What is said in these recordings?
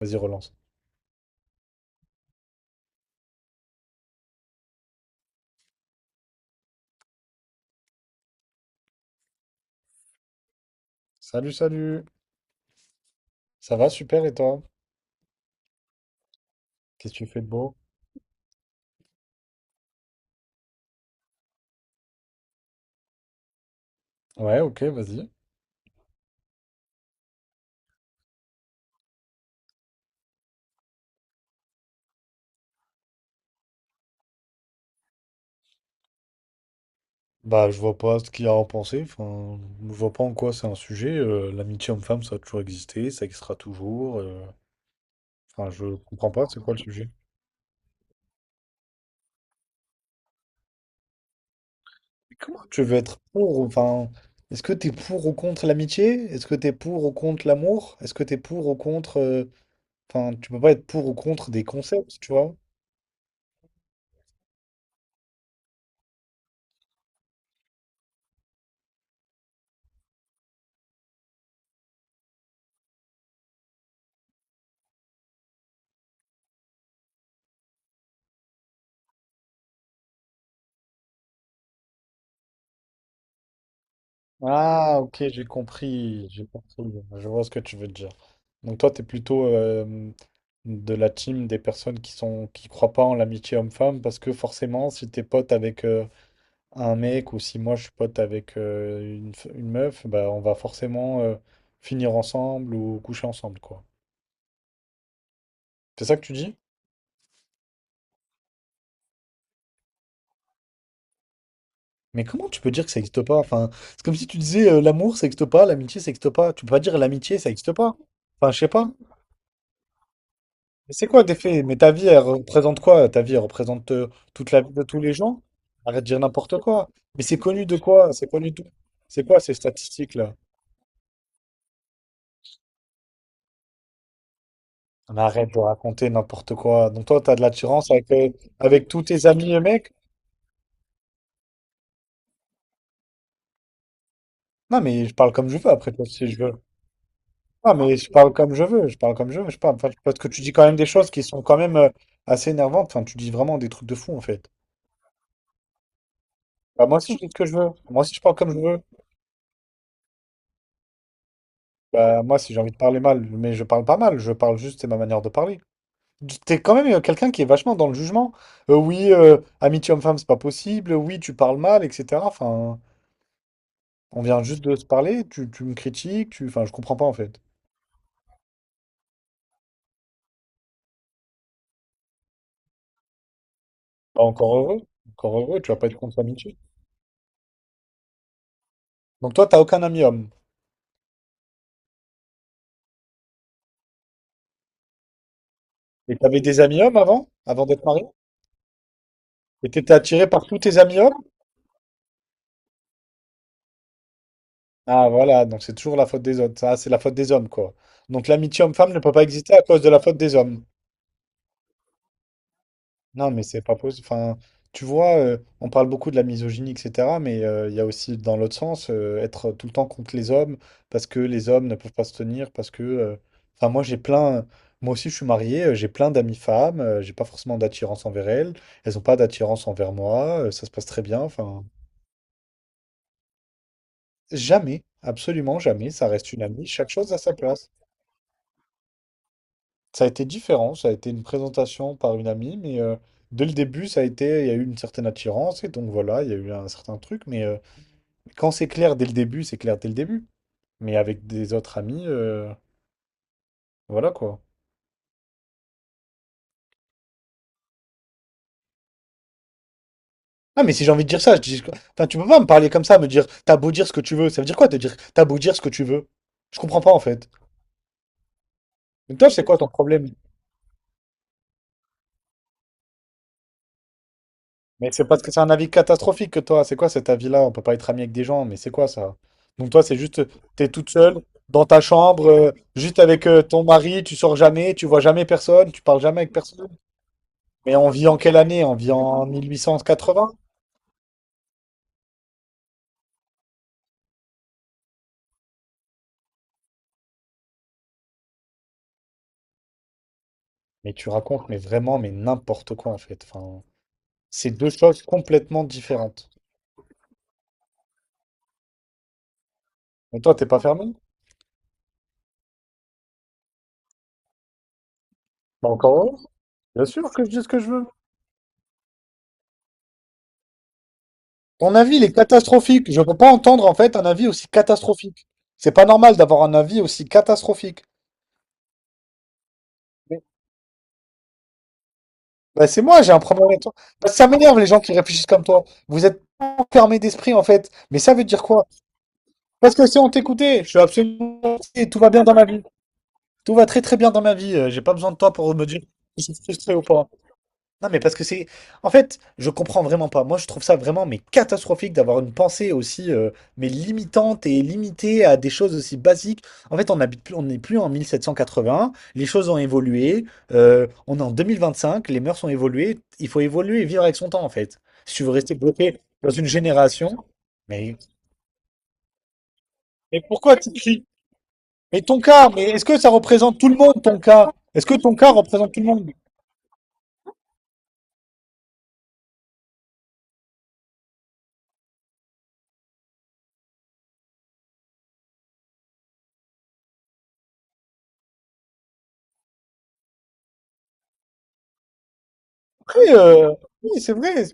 Vas-y, relance. Salut, salut. Ça va, super, et toi? Qu'est-ce que tu fais de beau? Ouais, ok, vas-y. Bah, je vois pas ce qu'il y a à en penser. Enfin, je vois pas en quoi c'est un sujet. L'amitié homme-femme, ça a toujours existé, ça existera toujours. Enfin, je comprends pas, c'est quoi le sujet? Tu veux être pour, enfin, est-ce que t'es pour ou contre l'amitié? Est-ce que t'es pour ou contre l'amour? Est-ce que t'es pour ou contre, enfin, tu peux pas être pour ou contre des concepts, tu vois? Ah, ok, j'ai compris, j'ai compris. Je vois ce que tu veux dire. Donc toi, t'es plutôt de la team des personnes qui croient pas en l'amitié homme-femme parce que forcément, si t'es pote avec un mec ou si moi je suis pote avec une, une meuf, bah on va forcément finir ensemble ou coucher ensemble, quoi. C'est ça que tu dis? Mais comment tu peux dire que ça n'existe pas? Enfin, c'est comme si tu disais l'amour ça n'existe pas, l'amitié ça n'existe pas. Tu peux pas dire l'amitié ça n'existe pas. Enfin, je sais pas. Mais c'est quoi des faits? Mais ta vie, elle représente quoi? Ta vie, elle représente toute la vie de tous les gens? Arrête de dire n'importe quoi. Mais c'est connu de quoi? C'est connu de tout. C'est quoi ces statistiques-là? Mais arrête de raconter n'importe quoi. Donc toi, t'as de l'attirance avec, avec tous tes amis, les mecs? Non, mais je parle comme je veux après toi, si je veux. Non, mais je parle comme je veux, je parle comme je veux, je parle. Enfin, parce que tu dis quand même des choses qui sont quand même assez énervantes. Enfin, tu dis vraiment des trucs de fou, en fait. Bah, moi aussi, je dis ce que je veux. Moi aussi, je parle comme je veux. Bah, moi, si j'ai envie de parler mal, mais je parle pas mal, je parle juste, c'est ma manière de parler. T'es quand même quelqu'un qui est vachement dans le jugement. Oui, amitié homme-femme, c'est pas possible. Oui, tu parles mal, etc. Enfin, on vient juste de se parler, tu me critiques, tu... Enfin, je comprends pas, en fait. Bah, encore heureux, tu vas pas être contre l'amitié. Donc toi, t'as aucun ami homme. Et t'avais des amis hommes avant, avant d'être marié? Et t'étais attiré par tous tes amis hommes? Ah, voilà, donc c'est toujours la faute des autres. Ça, c'est la faute des hommes, quoi. Donc l'amitié homme-femme ne peut pas exister à cause de la faute des hommes. Non, mais c'est pas possible. Enfin, tu vois, on parle beaucoup de la misogynie, etc. Mais il y a aussi, dans l'autre sens, être tout le temps contre les hommes parce que les hommes ne peuvent pas se tenir, parce que. Enfin, moi, j'ai plein. Moi aussi, je suis marié, j'ai plein d'amis femmes, j'ai pas forcément d'attirance envers elles, elles ont pas d'attirance envers moi, ça se passe très bien. Enfin, jamais, absolument jamais, ça reste une amie, chaque chose à sa place. Ça a été différent, ça a été une présentation par une amie, dès le début, ça a été, il y a eu une certaine attirance, et donc voilà, il y a eu un certain truc, quand c'est clair dès le début, c'est clair dès le début. Mais avec des autres amis, voilà quoi. Ah mais si j'ai envie de dire ça, je dis... Enfin, tu peux pas me parler comme ça, me dire, t'as beau dire ce que tu veux, ça veut dire quoi te dire, t'as beau dire ce que tu veux? Je comprends pas en fait. Mais toi, c'est quoi ton problème? Mais c'est parce que c'est un avis catastrophique que toi. C'est quoi cet avis-là? On peut pas être ami avec des gens, mais c'est quoi ça? Donc toi, c'est juste, t'es toute seule dans ta chambre, juste avec ton mari, tu sors jamais, tu vois jamais personne, tu parles jamais avec personne. Mais on vit en quelle année? On vit en 1880? Mais tu racontes, mais vraiment, mais n'importe quoi en fait. Enfin, c'est deux choses complètement différentes. Mais toi, t'es pas fermé? Bah encore heureux. Bien sûr que je dis ce que je veux. Ton avis, il est catastrophique. Je peux pas entendre en fait un avis aussi catastrophique. C'est pas normal d'avoir un avis aussi catastrophique. Mais- Bah, c'est moi, j'ai un problème avec toi. Parce que ça m'énerve les gens qui réfléchissent comme toi. Vous êtes enfermés d'esprit en fait. Mais ça veut dire quoi? Parce que si on t'écoutait, je suis absolument. Tout va bien dans ma vie. Tout va très très bien dans ma vie. J'ai pas besoin de toi pour me dire si je suis frustré ou pas. Non, mais parce que c'est. En fait, je comprends vraiment pas. Moi, je trouve ça vraiment mais catastrophique d'avoir une pensée aussi mais limitante et limitée à des choses aussi basiques. En fait, on habite plus, on n'est plus en 1781. Les choses ont évolué. On est en 2025. Les mœurs ont évolué. Il faut évoluer et vivre avec son temps, en fait. Si tu veux rester bloqué dans une génération, mais mais pourquoi tu cries? Mais ton cas, mais est-ce que ça représente tout le monde, ton cas? Est-ce que ton cas représente tout le monde? Oui, oui, c'est vrai.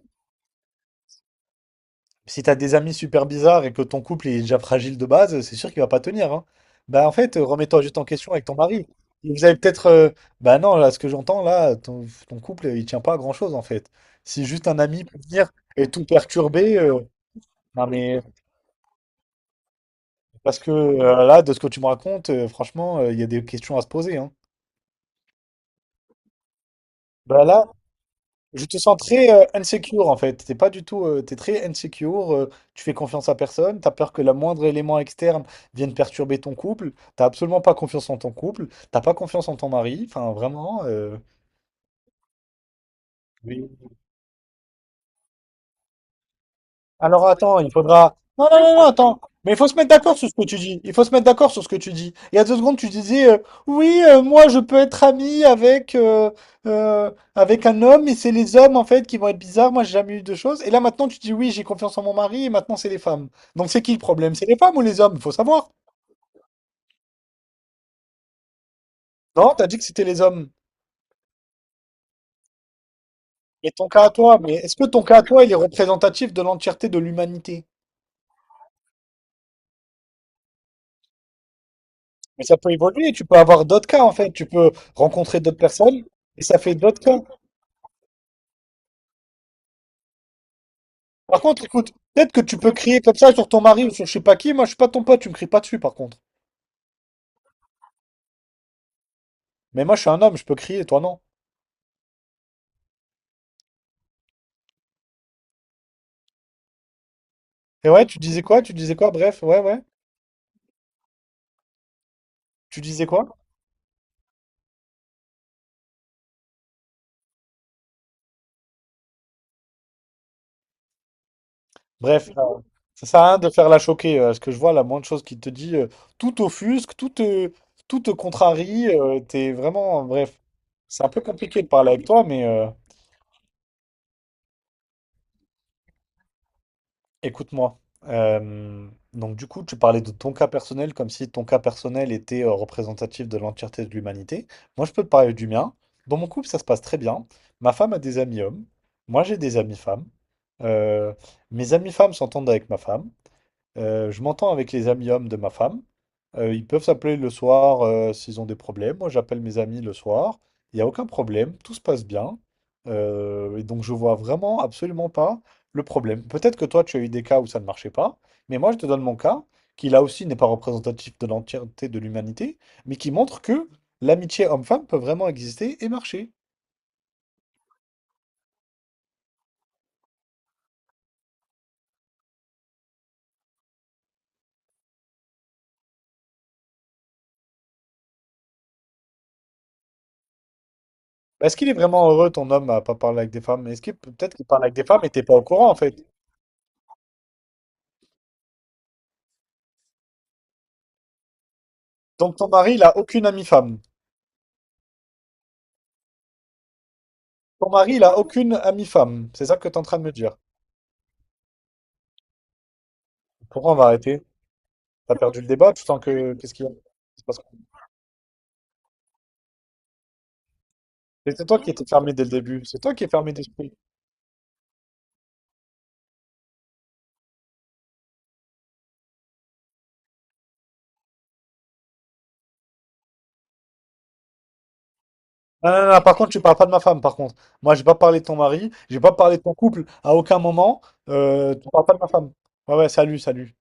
Si t'as des amis super bizarres et que ton couple est déjà fragile de base, c'est sûr qu'il va pas tenir, hein. Bah en fait, remets-toi juste en question avec ton mari. Vous avez peut-être, bah non, là, ce que j'entends là, ton couple, il tient pas à grand-chose en fait. Si juste un ami peut venir et tout perturber, non mais parce que là, de ce que tu me racontes, franchement, il y a des questions à se poser, hein. Bah là, je te sens très insecure en fait. T'es pas du tout, t'es très insecure. Tu fais confiance à personne. T'as peur que le moindre élément externe vienne perturber ton couple. T'as absolument pas confiance en ton couple. T'as pas confiance en ton mari. Enfin, vraiment. Oui. Alors attends, il faudra. Non, non, non, non, attends. Mais il faut se mettre d'accord sur ce que tu dis. Il faut se mettre d'accord sur ce que tu dis. Il y a deux secondes, tu disais oui, moi je peux être ami avec avec un homme et c'est les hommes en fait qui vont être bizarres. Moi j'ai jamais eu de choses. Et là maintenant tu dis oui, j'ai confiance en mon mari et maintenant c'est les femmes. Donc c'est qui le problème? C'est les femmes ou les hommes? Il faut savoir. Non, t'as dit que c'était les hommes. Et ton cas à toi, mais est-ce que ton cas à toi il est représentatif de l'entièreté de l'humanité? Mais ça peut évoluer. Tu peux avoir d'autres cas en fait. Tu peux rencontrer d'autres personnes et ça fait d'autres cas. Par contre, écoute, peut-être que tu peux crier comme ça sur ton mari ou sur je sais pas qui. Moi, je suis pas ton pote, tu me cries pas dessus, par contre. Mais moi, je suis un homme, je peux crier, toi non. Et ouais, tu disais quoi? Tu disais quoi? Bref, ouais, ouais. Tu disais quoi? Bref, ça sert à rien de faire la choquer. Ce que je vois, la moindre chose qui te dit, tout t'offusque, tout te contrarie. T'es vraiment, bref. C'est un peu compliqué de parler avec toi, écoute-moi. Donc du coup, tu parlais de ton cas personnel comme si ton cas personnel était représentatif de l'entièreté de l'humanité. Moi, je peux te parler du mien. Dans mon couple, ça se passe très bien. Ma femme a des amis hommes. Moi, j'ai des amis femmes. Euh, mes amis femmes s'entendent avec ma femme. Je m'entends avec les amis hommes de ma femme. Ils peuvent s'appeler le soir s'ils ont des problèmes. Moi, j'appelle mes amis le soir. Il n'y a aucun problème. Tout se passe bien. Et donc, je vois vraiment absolument pas le problème. Peut-être que toi, tu as eu des cas où ça ne marchait pas. Mais moi, je te donne mon cas, qui là aussi n'est pas représentatif de l'entièreté de l'humanité, mais qui montre que l'amitié homme-femme peut vraiment exister et marcher. Bah, est-ce qu'il est vraiment heureux, ton homme, à pas parler avec des femmes? Est-ce qu'il peut-être qu'il parle avec des femmes et t'es pas au courant, en fait? Donc ton mari, il a aucune amie femme. Ton mari, il a aucune amie femme. C'est ça que t'es en train de me dire. Pourquoi on va arrêter? T'as perdu le débat, tu sens que... Qu'est-ce qu'il y a? C'est parce que quoi. C'est toi qui étais fermé dès le début. C'est toi qui es fermé d'esprit. Ah, non, non, non, par contre, tu parles pas de ma femme, par contre. Moi, j'ai pas parlé de ton mari, j'ai pas parlé de ton couple à aucun moment. Tu parles pas de ma femme. Ouais, ouais, salut, salut.